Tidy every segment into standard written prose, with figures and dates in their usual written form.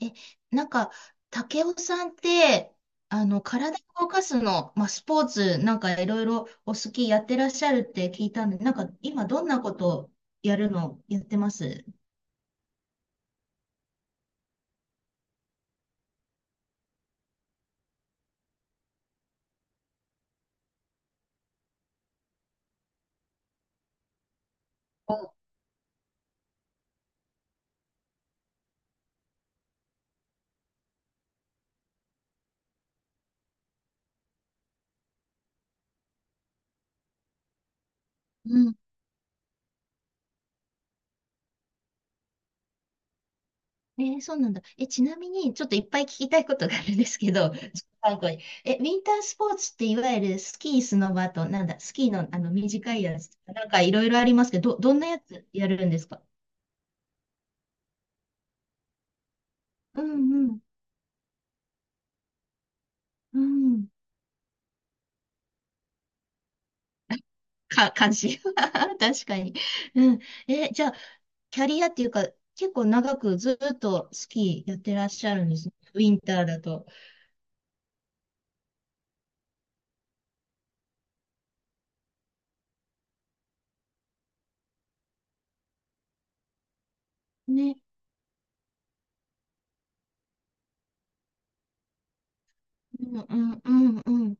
え、なんか、竹雄さんって、体を動かすの、まあ、スポーツ、なんかいろいろお好きやってらっしゃるって聞いたんで、なんか今どんなことやるのやってます？おうん。えーそうなんだ。え、ちなみに、ちょっといっぱい聞きたいことがあるんですけど、最後に。え、ウィンタースポーツっていわゆるスキー、スノバと、なんだ、スキーの、短いやつとか、なんかいろいろありますけど、どんなやつやるんですか？うんうん。うん。関心。確かに。うん。え、じゃあ、キャリアっていうか、結構長くずっとスキーやってらっしゃるんですね。ウィンターだと。ね。うん、うん、うん、うん。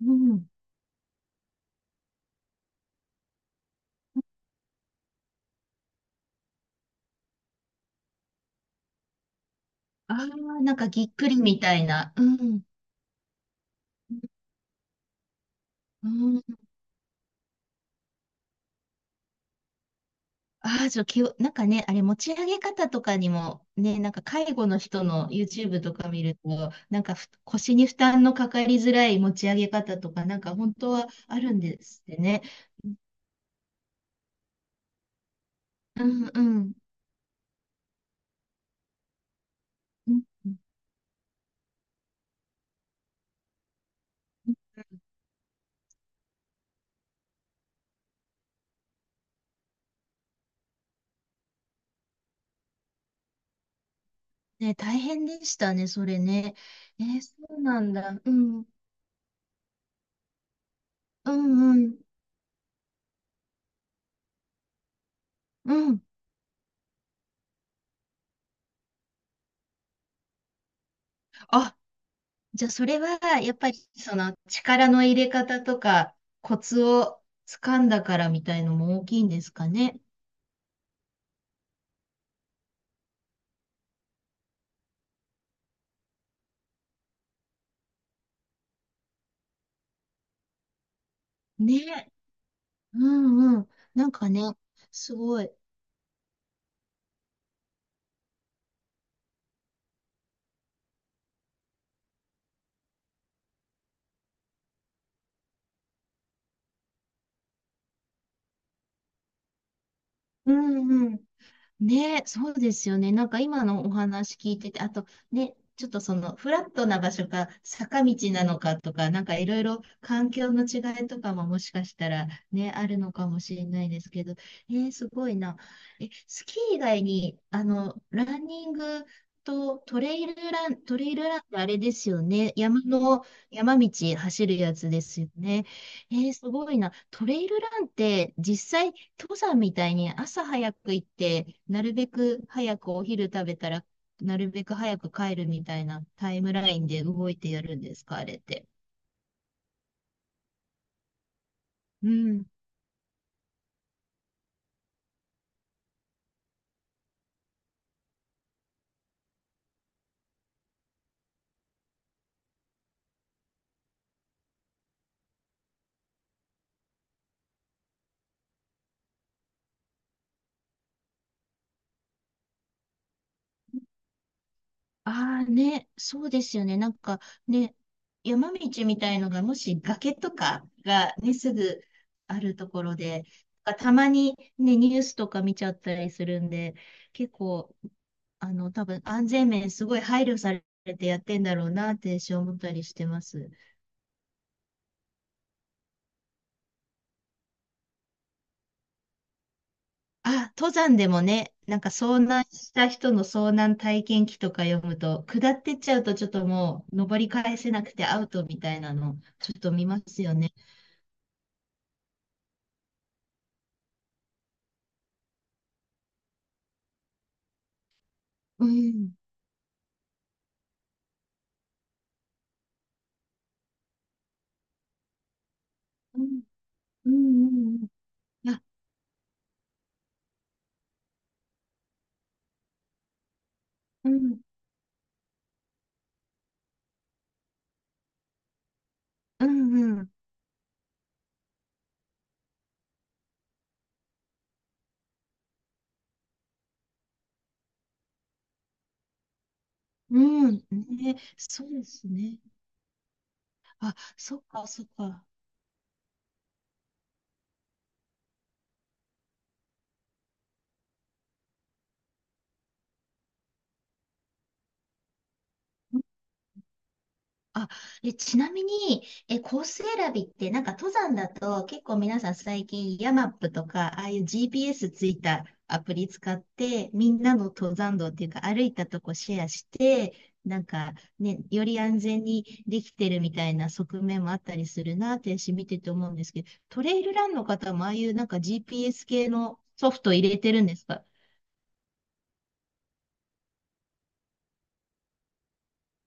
うん。ああ、なんかぎっくりみたいな。うん。うん。ああ、気を、なんかね、あれ、持ち上げ方とかにも、ね、なんか介護の人の YouTube とか見ると、なんか腰に負担のかかりづらい持ち上げ方とか、なんか本当はあるんですってね。うんうん。うんね、大変でしたね、それね。えーそうなんだ。うん、うん、うん、うん。あ、じゃあそれは、やっぱり、力の入れ方とか、コツを掴んだからみたいのも大きいんですかね。ね、うん、うん。なんかね、すごい。うん、うん。ね、そうですよね。なんか今のお話聞いてて、あとね、ちょっとそのフラットな場所か坂道なのかとか、なんかいろいろ環境の違いとかももしかしたらね、あるのかもしれないですけど、えー、すごいな。え、スキー以外に、ランニングとトレイルラン、トレイルランってあれですよね。山道走るやつですよね。えー、すごいな。トレイルランって実際登山みたいに朝早く行って、なるべく早くお昼食べたら、なるべく早く帰るみたいなタイムラインで動いてやるんですか、あれって。うん。ああね、そうですよね。なんかね、山道みたいのがもし崖とかがね、すぐあるところで、たまにね、ニュースとか見ちゃったりするんで、結構、多分安全面すごい配慮されてやってんだろうなって私思ったりしてます。あ、登山でもね、なんか遭難した人の遭難体験記とか読むと、下ってっちゃうとちょっともう登り返せなくてアウトみたいなの、ちょっと見ますよね。うん。うん。うん。うん。あ、うん。うん。うん。うんね、そうですね。あ、そっか、そっか。あ、で、ちなみに、え、コース選びって、なんか登山だと結構皆さん最近ヤマップとか、ああいう GPS ついたアプリ使って、みんなの登山道っていうか歩いたとこシェアして、なんかね、より安全にできてるみたいな側面もあったりするなって私見てて思うんですけど、トレイルランの方もああいうなんか GPS 系のソフト入れてるんですか？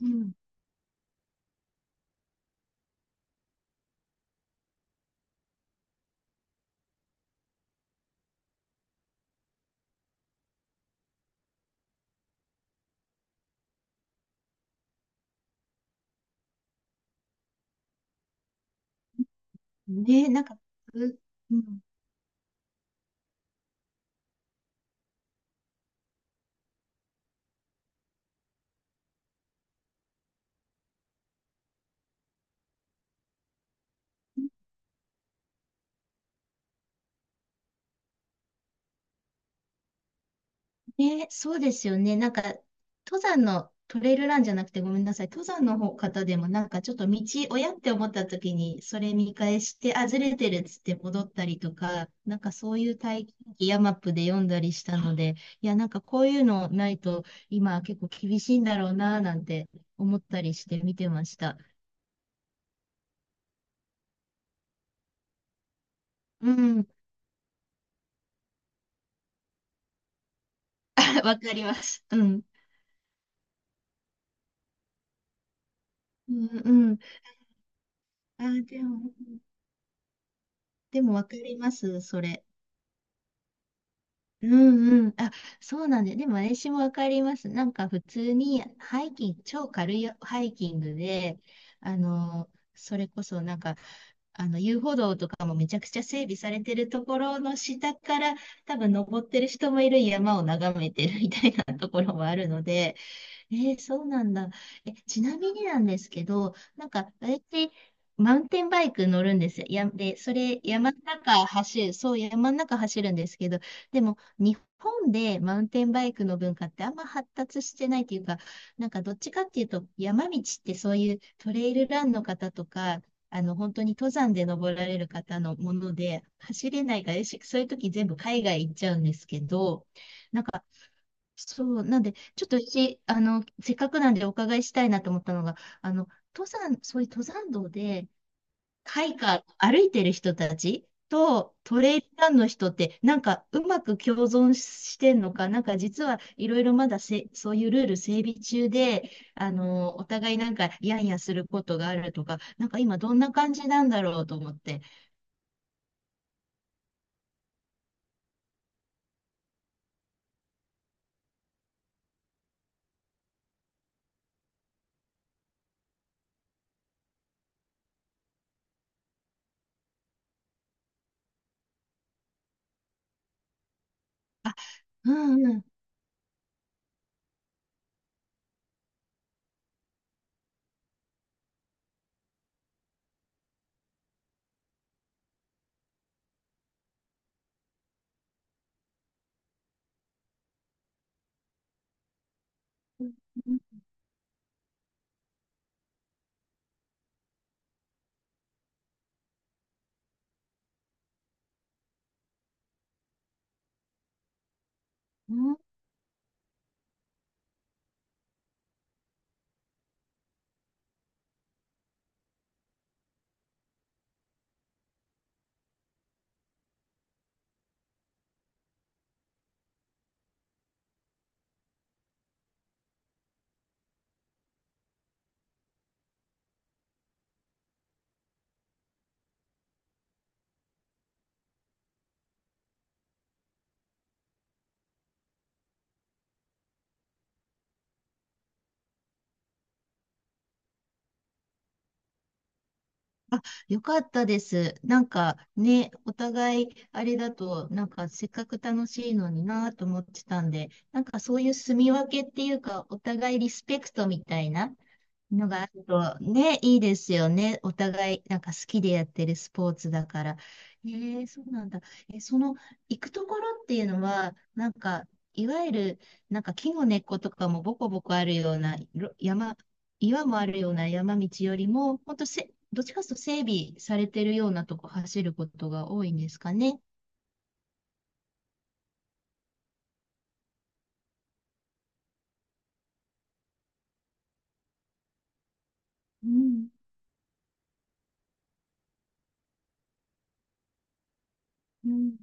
うん。ね、なんか、ううん。ね、そうですよね。なんか、登山のトレイルランじゃなくてごめんなさい。登山の方方でもなんかちょっと道、親って思った時に、それ見返して、あ、ずれてるっつって戻ったりとか、なんかそういう体験記、ヤマップで読んだりしたので、いや、なんかこういうのないと、今結構厳しいんだろうな、なんて思ったりして見てました。うん、わかります。うん。うん、うん。あ、でも、わかります、それ。うんうん。あ、そうなんで、でも私もわかります。なんか普通にハイキング、超軽いハイキングで、それこそなんか、遊歩道とかもめちゃくちゃ整備されてるところの下から、多分登ってる人もいる山を眺めてるみたいなところもあるので、えー、そうなんだ。え、ちなみになんですけど、なんか、私マウンテンバイク乗るんですよ。や、で、それ、山の中走る、そう、山の中走るんですけど、でも、日本でマウンテンバイクの文化ってあんま発達してないというか、なんか、どっちかっていうと、山道ってそういうトレイルランの方とか、本当に登山で登られる方のもので、走れないから、よしそういう時全部海外行っちゃうんですけど、そう、なんで、ちょっとし、せっかくなんでお伺いしたいなと思ったのが、登山、そういう登山道で、ハイカー、歩いてる人たちとトレイルランの人って、なんかうまく共存してんのか、なんか実はいろいろまだせ、そういうルール整備中で、お互いなんかやんやすることがあるとか、なんか今どんな感じなんだろうと思って。あ、うんうん。うんうん。よかったです。なんかね、お互いあれだと、なんかせっかく楽しいのになぁと思ってたんで、なんかそういう住み分けっていうか、お互いリスペクトみたいな、のがあるとね、いいですよね。お互い、なんか好きでやってるスポーツだから。えー、そうなんだ。え、その、行くところっていうのは、なんか、いわゆる、なんか木の根っことかもボコボコあるような、岩もあるような山道よりも、ほんとせ、どっちかというと整備されてるようなとこ走ることが多いんですかね。うん。うん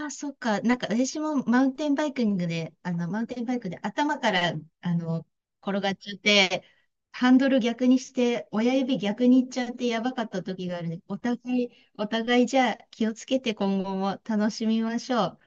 ああ、そっか。なんか私もマウンテンバイキングで、マウンテンバイクで頭から、あの、転がっちゃって、ハンドル逆にして、親指逆にいっちゃってやばかった時があるね。お互いじゃあ気をつけて今後も楽しみましょう。